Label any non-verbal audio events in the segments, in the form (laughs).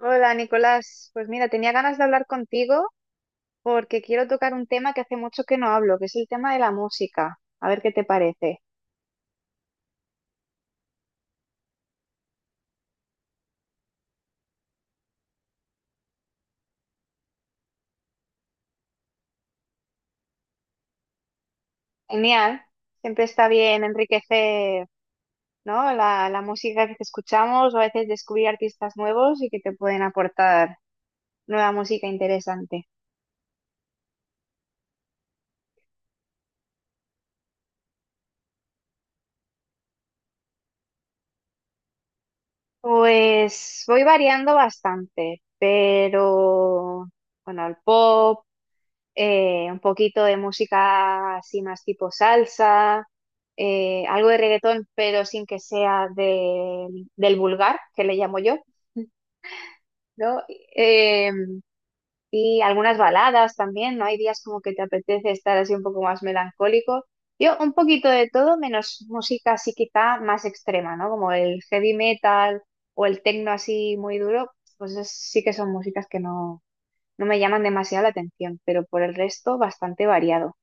Hola Nicolás, pues mira, tenía ganas de hablar contigo porque quiero tocar un tema que hace mucho que no hablo, que es el tema de la música. A ver qué te parece. Genial, siempre está bien enriquecer, ¿no? La música que escuchamos o a veces descubrir artistas nuevos y que te pueden aportar nueva música interesante. Pues voy variando bastante, pero bueno, al pop. Un poquito de música así más tipo salsa, algo de reggaetón, pero sin que sea del vulgar, que le llamo yo, ¿no? Eh, y algunas baladas también, ¿no? Hay días como que te apetece estar así un poco más melancólico. Yo un poquito de todo, menos música así quizá más extrema, ¿no? Como el heavy metal o el techno así muy duro, pues sí que son músicas que no, no me llaman demasiado la atención, pero por el resto bastante variado.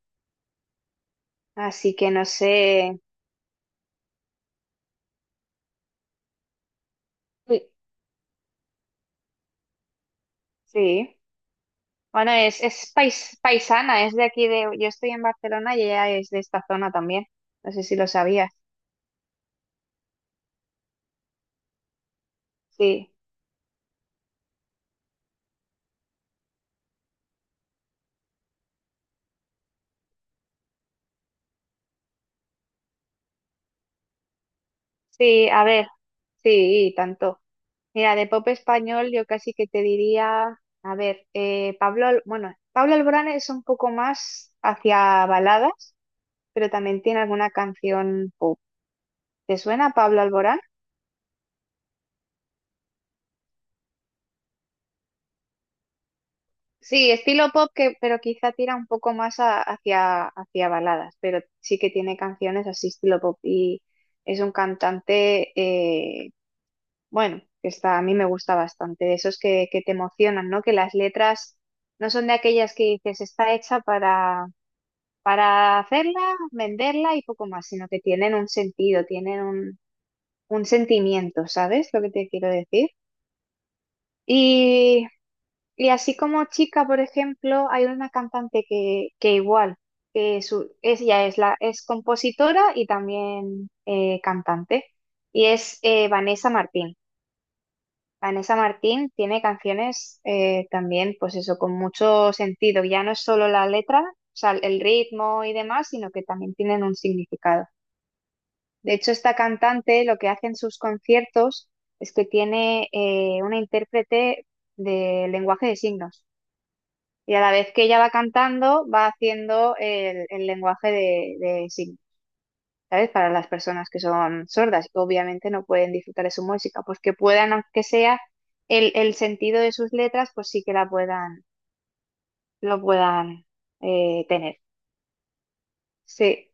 Así que no sé. Sí. Sí. Bueno, es paisana, es de aquí de. Yo estoy en Barcelona y ella es de esta zona también. No sé si lo sabías. Sí, sí, a ver. Sí, tanto. Mira, de pop español yo casi que te diría. A ver, Pablo. Bueno, Pablo Alborán es un poco más hacia baladas, pero también tiene alguna canción pop. ¿Te suena Pablo Alborán? Sí, estilo pop, pero quizá tira un poco más hacia baladas, pero sí que tiene canciones así estilo pop y es un cantante, bueno, que está, a mí me gusta bastante, de esos que te emocionan, ¿no? Que las letras no son de aquellas que dices, está hecha para hacerla, venderla y poco más, sino que tienen un sentido, tienen un sentimiento, ¿sabes lo que te quiero decir? Y así como chica, por ejemplo, hay una cantante que igual, ella es compositora y también cantante, y es Vanessa Martín. Vanessa Martín tiene canciones también, pues eso, con mucho sentido. Ya no es solo la letra, o sea, el ritmo y demás, sino que también tienen un significado. De hecho, esta cantante lo que hace en sus conciertos es que tiene una intérprete de lenguaje de signos. Y a la vez que ella va cantando, va haciendo el lenguaje de signos, ¿sabes? Para las personas que son sordas, que obviamente no pueden disfrutar de su música, pues que puedan, aunque sea el sentido de sus letras, pues sí que lo puedan tener. Sí,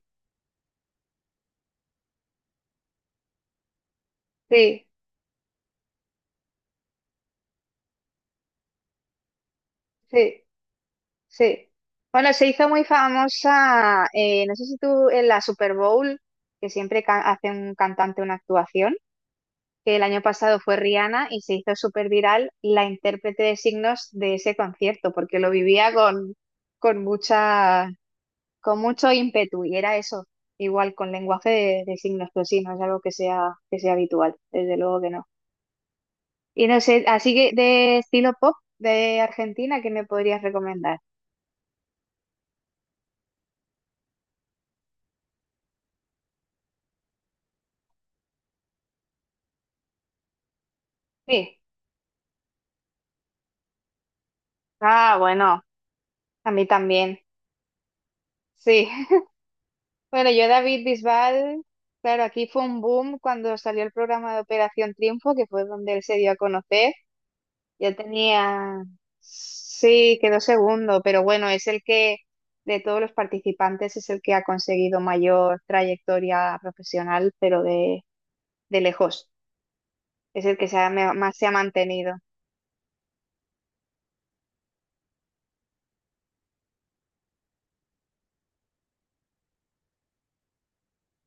sí, sí, sí. Bueno, se hizo muy famosa, no sé si tú en la Super Bowl, que siempre hace un cantante una actuación. Que el año pasado fue Rihanna y se hizo súper viral la intérprete de signos de ese concierto, porque lo vivía con mucha, con mucho ímpetu y era eso, igual con lenguaje de signos, pero sí, no es algo que sea habitual, desde luego que no. Y no sé, así que de estilo pop de Argentina, ¿qué me podrías recomendar? Sí. Ah, bueno, a mí también. Sí. Bueno, yo David Bisbal, claro, aquí fue un boom cuando salió el programa de Operación Triunfo, que fue donde él se dio a conocer. Ya tenía, sí, quedó segundo, pero bueno, es el que de todos los participantes es el que ha conseguido mayor trayectoria profesional, pero de lejos. Es el que más se ha mantenido.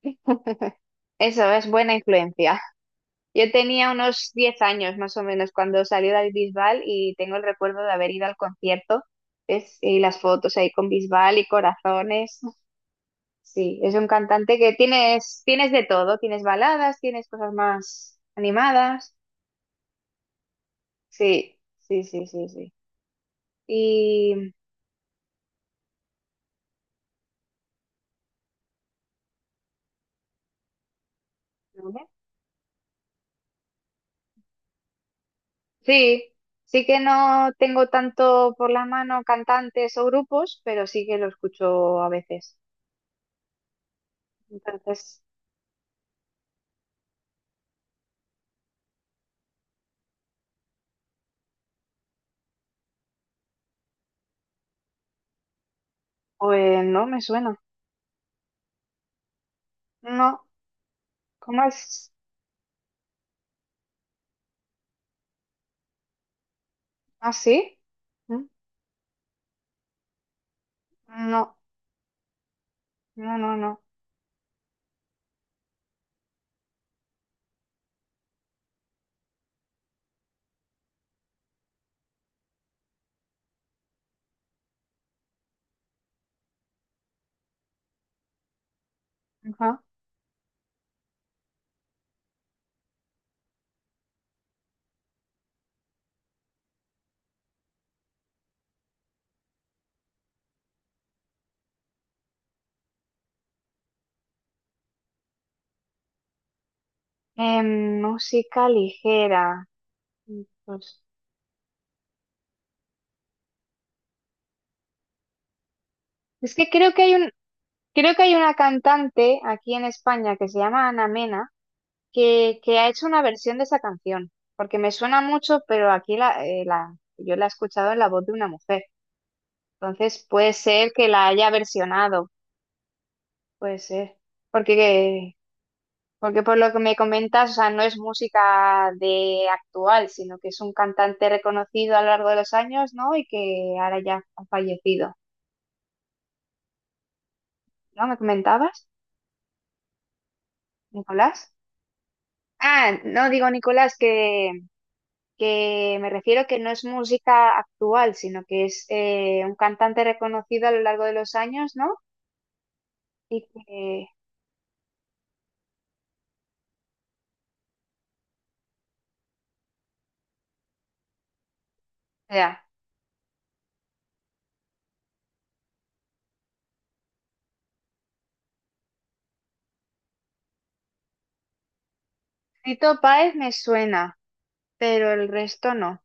(laughs) Eso es buena influencia. Yo tenía unos 10 años más o menos cuando salió David Bisbal y tengo el recuerdo de haber ido al concierto y las fotos ahí con Bisbal y corazones. Sí, es un cantante que tienes de todo, tienes baladas, tienes cosas más animadas. Sí, sí, sí, sí, sí. Y ¿vale? Sí, sí que no tengo tanto por la mano cantantes o grupos, pero sí que lo escucho a veces. Entonces, pues no me suena. No, ¿cómo es? ¿Ah, sí? ¿Mm? No, no, no, no. Ajá. Música ligera. Pues, es que creo que hay una cantante aquí en España que se llama Ana Mena que ha hecho una versión de esa canción, porque me suena mucho, pero aquí yo la he escuchado en la voz de una mujer. Entonces puede ser que la haya versionado, puede ser, porque Porque por lo que me comentas, o sea, no es música de actual, sino que es un cantante reconocido a lo largo de los años, ¿no? Y que ahora ya ha fallecido, ¿no? ¿Me comentabas, Nicolás? Ah, no digo Nicolás, que me refiero que no es música actual, sino que es un cantante reconocido a lo largo de los años, ¿no? Y que, ya, Fito Páez me suena, pero el resto no.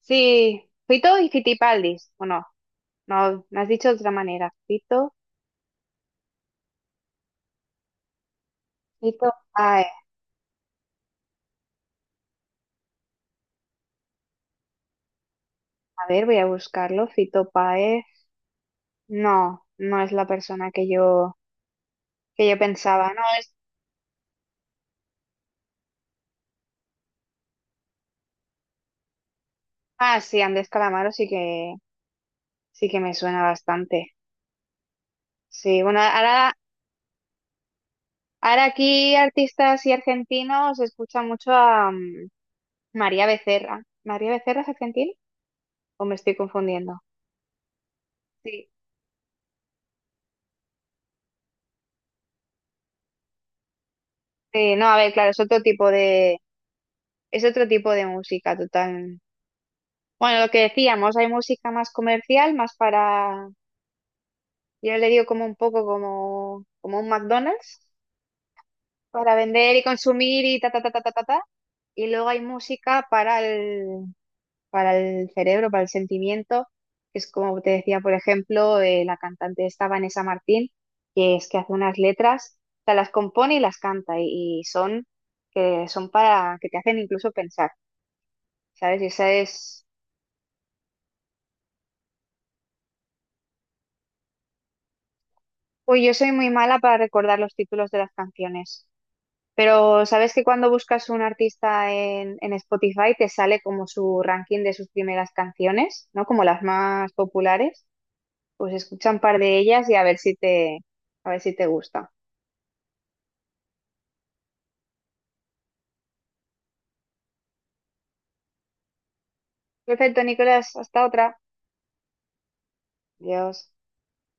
Sí, Fito y Fitipaldis, ¿o no? No, me has dicho de otra manera. Fito Páez. A ver, voy a buscarlo. Fito Páez. No, no es la persona que yo pensaba. No, es. Ah, sí, Andrés Calamaro sí que me suena bastante. Sí, bueno, ahora aquí artistas y argentinos escucha mucho a María Becerra. ¿María Becerra es argentina? ¿O me estoy confundiendo? Sí, sí, no, a ver, claro, es otro tipo de música total. Bueno, lo que decíamos, hay música más comercial, más para, yo le digo como un poco como un McDonald's, para vender y consumir y ta, ta, ta, ta, ta, ta, ta. Y luego hay música para el cerebro, para el sentimiento, que es como te decía, por ejemplo, la cantante esta Vanessa Martín, que es que hace unas letras, o sea, las compone y las canta y son, que son para, que te hacen incluso pensar, ¿sabes? Y esa es... Uy, yo soy muy mala para recordar los títulos de las canciones. Pero sabes que cuando buscas un artista en Spotify te sale como su ranking de sus primeras canciones, ¿no? Como las más populares. Pues escucha un par de ellas y a ver a ver si te gusta. Perfecto, Nicolás, hasta otra. Adiós.